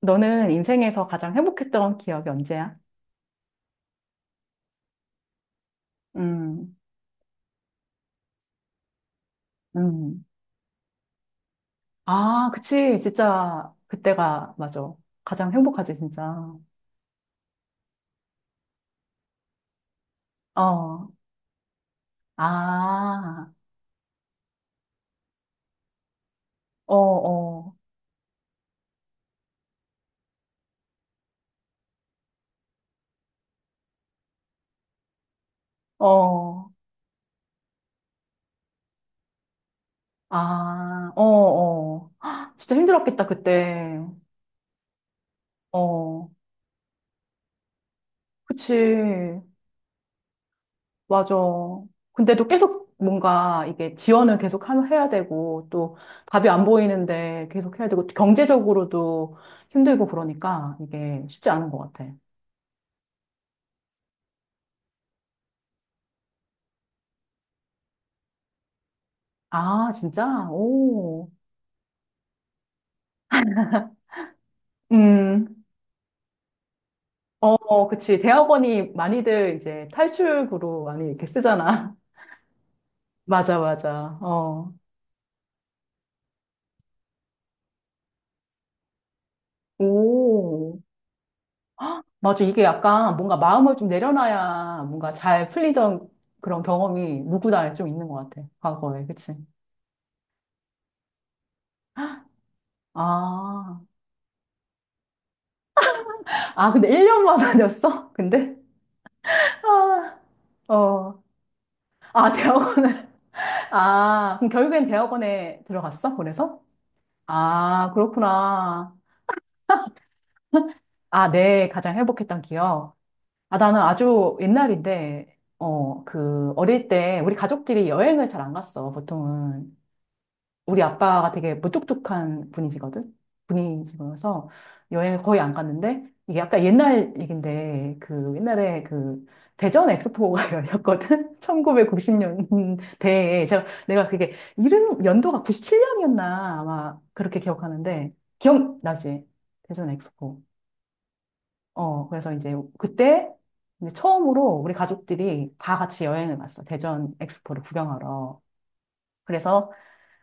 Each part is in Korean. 너는 인생에서 가장 행복했던 기억이 언제야? 음, 음. 아, 그치. 진짜 그때가 맞아. 가장 행복하지, 진짜. 어, 아, 어, 어, 어, 아, 어, 어. 헉, 진짜 힘들었겠다, 그때. 어, 그치. 맞아. 근데도 계속 뭔가 이게 지원을 계속 하면 해야 되고 또 답이 안 보이는데 계속 해야 되고 또 경제적으로도 힘들고 그러니까 이게 쉽지 않은 것 같아. 아, 진짜? 오. 음. 어, 어, 그치. 대학원이 많이들 이제 탈출구로 많이 이렇게 쓰잖아. 맞아, 맞아. 어. 오. 맞아. 이게 약간 뭔가 마음을 좀 내려놔야 뭔가 잘 풀리던 그런 경험이 누구나 좀 있는 것 같아. 과거에. 그치? 아, 아, 근데 1년만 다녔어? 근데? 아, 어. 아, 대학원에. 아, 그럼 결국엔 대학원에 들어갔어? 그래서? 아, 그렇구나. 아, 네, 가장 행복했던 기억. 아, 나는 아주 옛날인데, 어릴 때 우리 가족들이 여행을 잘 안 갔어, 보통은. 우리 아빠가 되게 무뚝뚝한 분이시거든? 분이시면서 여행을 거의 안 갔는데, 이게 약간 옛날 얘긴데, 그 옛날에 그 대전 엑스포가 열렸거든? 1990년대에. 내가 그게 이름, 연도가 97년이었나 아마 그렇게 기억하는데, 기억나지? 대전 엑스포. 그래서 이제 그때 이제 처음으로 우리 가족들이 다 같이 여행을 갔어. 대전 엑스포를 구경하러. 그래서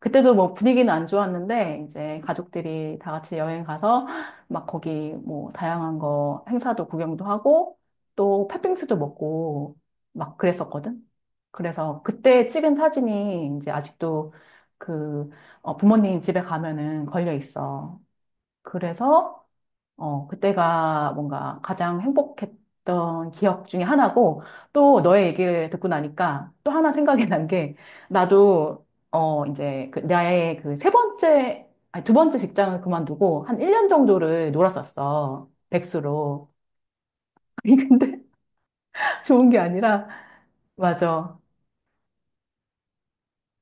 그때도 뭐 분위기는 안 좋았는데 이제 가족들이 다 같이 여행 가서 막 거기 뭐 다양한 거 행사도 구경도 하고 또 팥빙수도 먹고 막 그랬었거든. 그래서 그때 찍은 사진이 이제 아직도 그 부모님 집에 가면은 걸려 있어. 그래서 그때가 뭔가 가장 행복했던 기억 중에 하나고, 또 너의 얘기를 듣고 나니까 또 하나 생각이 난 게, 나도, 나의 그 세 번째, 아니, 두 번째 직장을 그만두고 한 1년 정도를 놀았었어. 백수로. 아니, 근데 좋은 게 아니라, 맞아.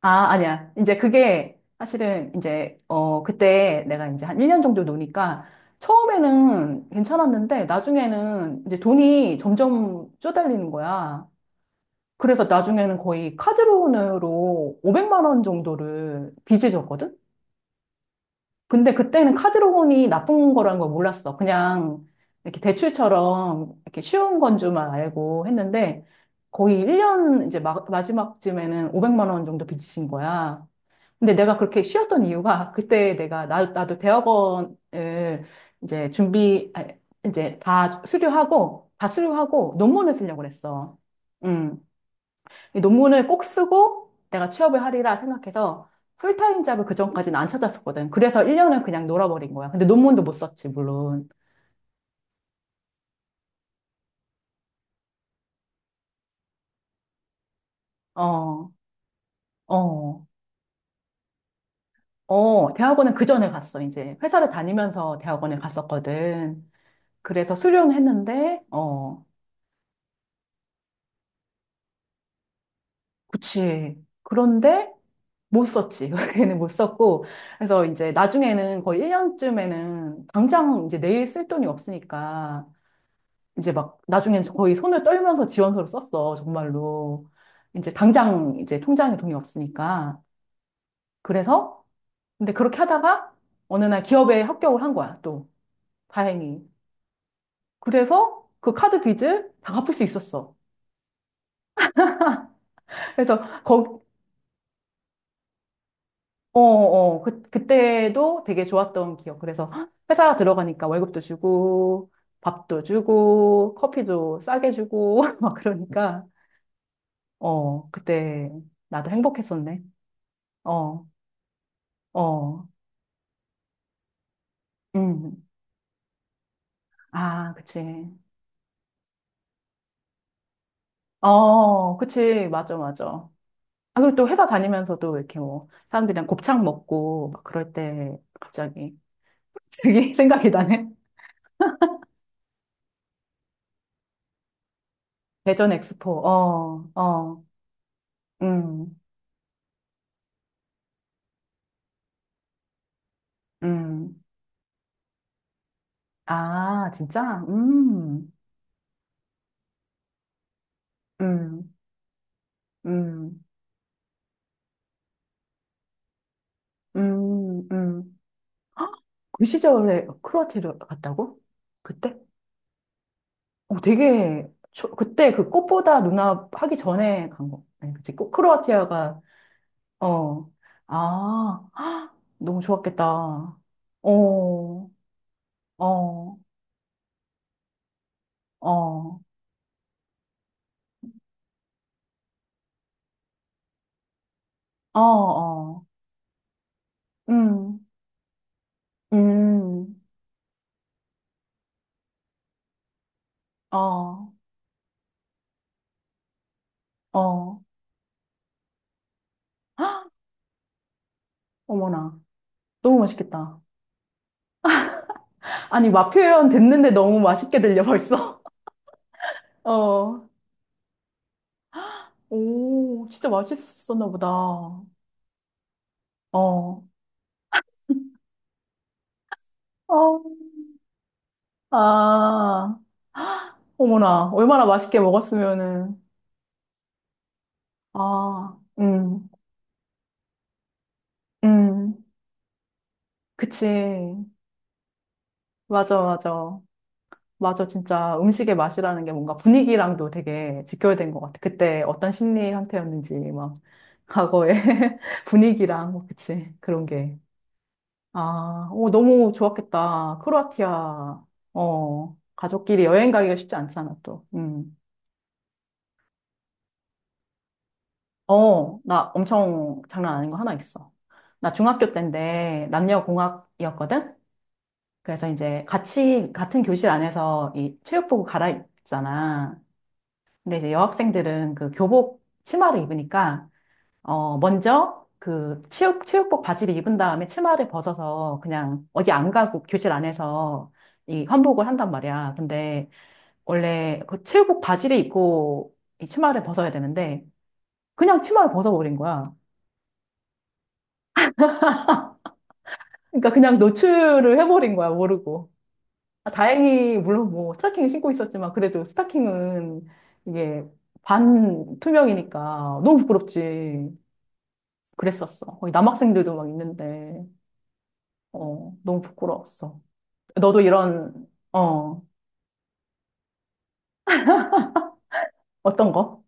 아, 아니야. 이제 그게 사실은 이제, 그때 내가 이제 한 1년 정도 노니까 처음에는 괜찮았는데 나중에는 이제 돈이 점점 쪼달리는 거야. 그래서 나중에는 거의 카드론으로 500만 원 정도를 빚을 졌거든? 근데 그때는 카드론이 나쁜 거라는 걸 몰랐어. 그냥 이렇게 대출처럼 이렇게 쉬운 건 줄만 알고 했는데 거의 1년 이제 마지막쯤에는 500만 원 정도 빚진 거야. 근데 내가 그렇게 쉬었던 이유가 그때 내가 나도 대학원을 이제 이제 다 수료하고 논문을 쓰려고 그랬어. 음. 이 논문을 꼭 쓰고 내가 취업을 하리라 생각해서 풀타임 잡을 그전까지는 안 찾았었거든. 그래서 1년을 그냥 놀아버린 거야. 근데 논문도 못 썼지, 물론. 어, 어, 어. 대학원은 그 전에 갔어, 이제. 회사를 다니면서 대학원에 갔었거든. 그래서 수료는 했는데, 어, 그치. 그런데 못 썼지. 그때는 못 썼고. 그래서 이제 나중에는 거의 1년쯤에는 당장 이제 내일 쓸 돈이 없으니까 이제 막 나중엔 거의 손을 떨면서 지원서를 썼어. 정말로. 이제 당장 이제 통장에 돈이 없으니까. 그래서 근데 그렇게 하다가 어느 날 기업에 합격을 한 거야. 또 다행히. 그래서 그 카드 빚을 다 갚을 수 있었어. 그래서 거, 어, 어, 그, 그때도 되게 좋았던 기억. 그래서 회사 들어가니까 월급도 주고, 밥도 주고, 커피도 싸게 주고, 막 그러니까, 어, 그때 나도 행복했었네. 어, 어, 음. 아, 그치. 어, 그치. 맞아, 맞아. 아, 그리고 또 회사 다니면서도 이렇게 뭐, 사람들이랑 곱창 먹고, 막 그럴 때 갑자기, 갑자기 생각이 나네. 대전 엑스포, 어, 어, 음, 음. 아, 진짜? 음, 음, 음, 음. 헉, 그 시절에 크로아티아를 갔다고? 그때? 그때 그 꽃보다 누나 하기 전에 간 거. 아니, 그치. 크로아티아가, 어, 아, 헉, 너무 좋았겠다. 어, 어, 어, 어, 어, 음, 음, 어, 어, 어머나. 너무 맛있겠다. 아니, 맛 표현 됐는데 너무 맛있게 들려, 벌써. 어. 오, 진짜 맛있었나 보다. 어. 어. 아, 어머나. 얼마나 맛있게 먹었으면은. 아, 음. 그치. 맞아, 맞아. 맞아, 진짜 음식의 맛이라는 게 뭔가 분위기랑도 되게 직결된 것 같아. 그때 어떤 심리 상태였는지, 막, 과거의 분위기랑, 뭐, 그치. 그런 게. 아, 오, 너무 좋았겠다. 크로아티아, 어, 가족끼리 여행 가기가 쉽지 않잖아, 또. 음. 어, 나 엄청 장난 아닌 거 하나 있어. 나 중학교 때인데 남녀공학이었거든? 그래서 이제 같은 교실 안에서 이 체육복을 갈아입잖아. 근데 이제 여학생들은 그 교복 치마를 입으니까, 어, 먼저 그 체육복 바지를 입은 다음에 치마를 벗어서 그냥 어디 안 가고 교실 안에서 이 환복을 한단 말이야. 근데 원래 그 체육복 바지를 입고 이 치마를 벗어야 되는데 그냥 치마를 벗어버린 거야. 그러니까 그냥 노출을 해버린 거야, 모르고. 아, 다행히 물론 뭐 스타킹을 신고 있었지만 그래도 스타킹은 이게 반 투명이니까 너무 부끄럽지. 그랬었어. 거기 남학생들도 막 있는데 너무 부끄러웠어. 너도 이런 어떤 거?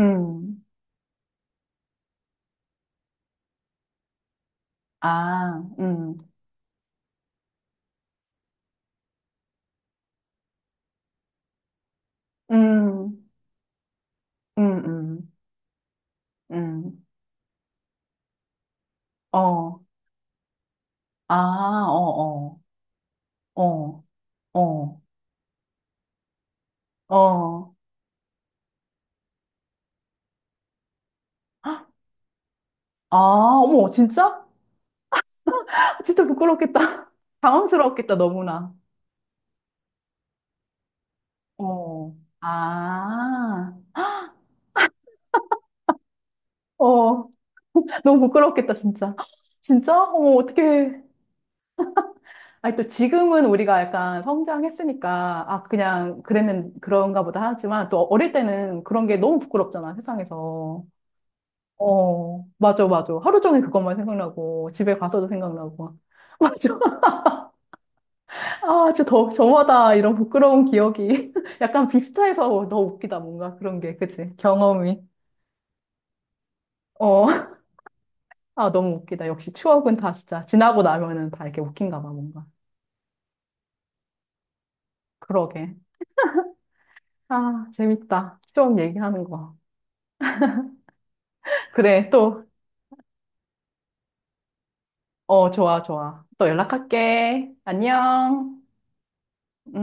음. 아, 음. 음. 음. 음. 어. 아, 어, 어, 어, 어, 어. 아, 어머, 진짜? 진짜 부끄럽겠다. 당황스러웠겠다, 너무나. 어, 아, 어, 너무 부끄럽겠다, 진짜. 진짜? 어머, 어떡해. 아니, 또 지금은 우리가 약간 성장했으니까, 아, 그냥 그런가 보다 하지만, 또 어릴 때는 그런 게 너무 부끄럽잖아, 세상에서. 어, 맞아, 맞아. 하루 종일 그것만 생각나고, 집에 가서도 생각나고. 맞아. 아, 진짜 저마다 이런 부끄러운 기억이 약간 비슷해서 더 웃기다, 뭔가 그런 게, 그치? 경험이. 어, 아, 너무 웃기다. 역시 추억은 다 진짜 지나고 나면은 다 이렇게 웃긴가 봐, 뭔가. 그러게. 아, 재밌다. 추억 얘기하는 거. 그래, 또, 어, 좋아, 좋아. 또 연락할게. 안녕. 응?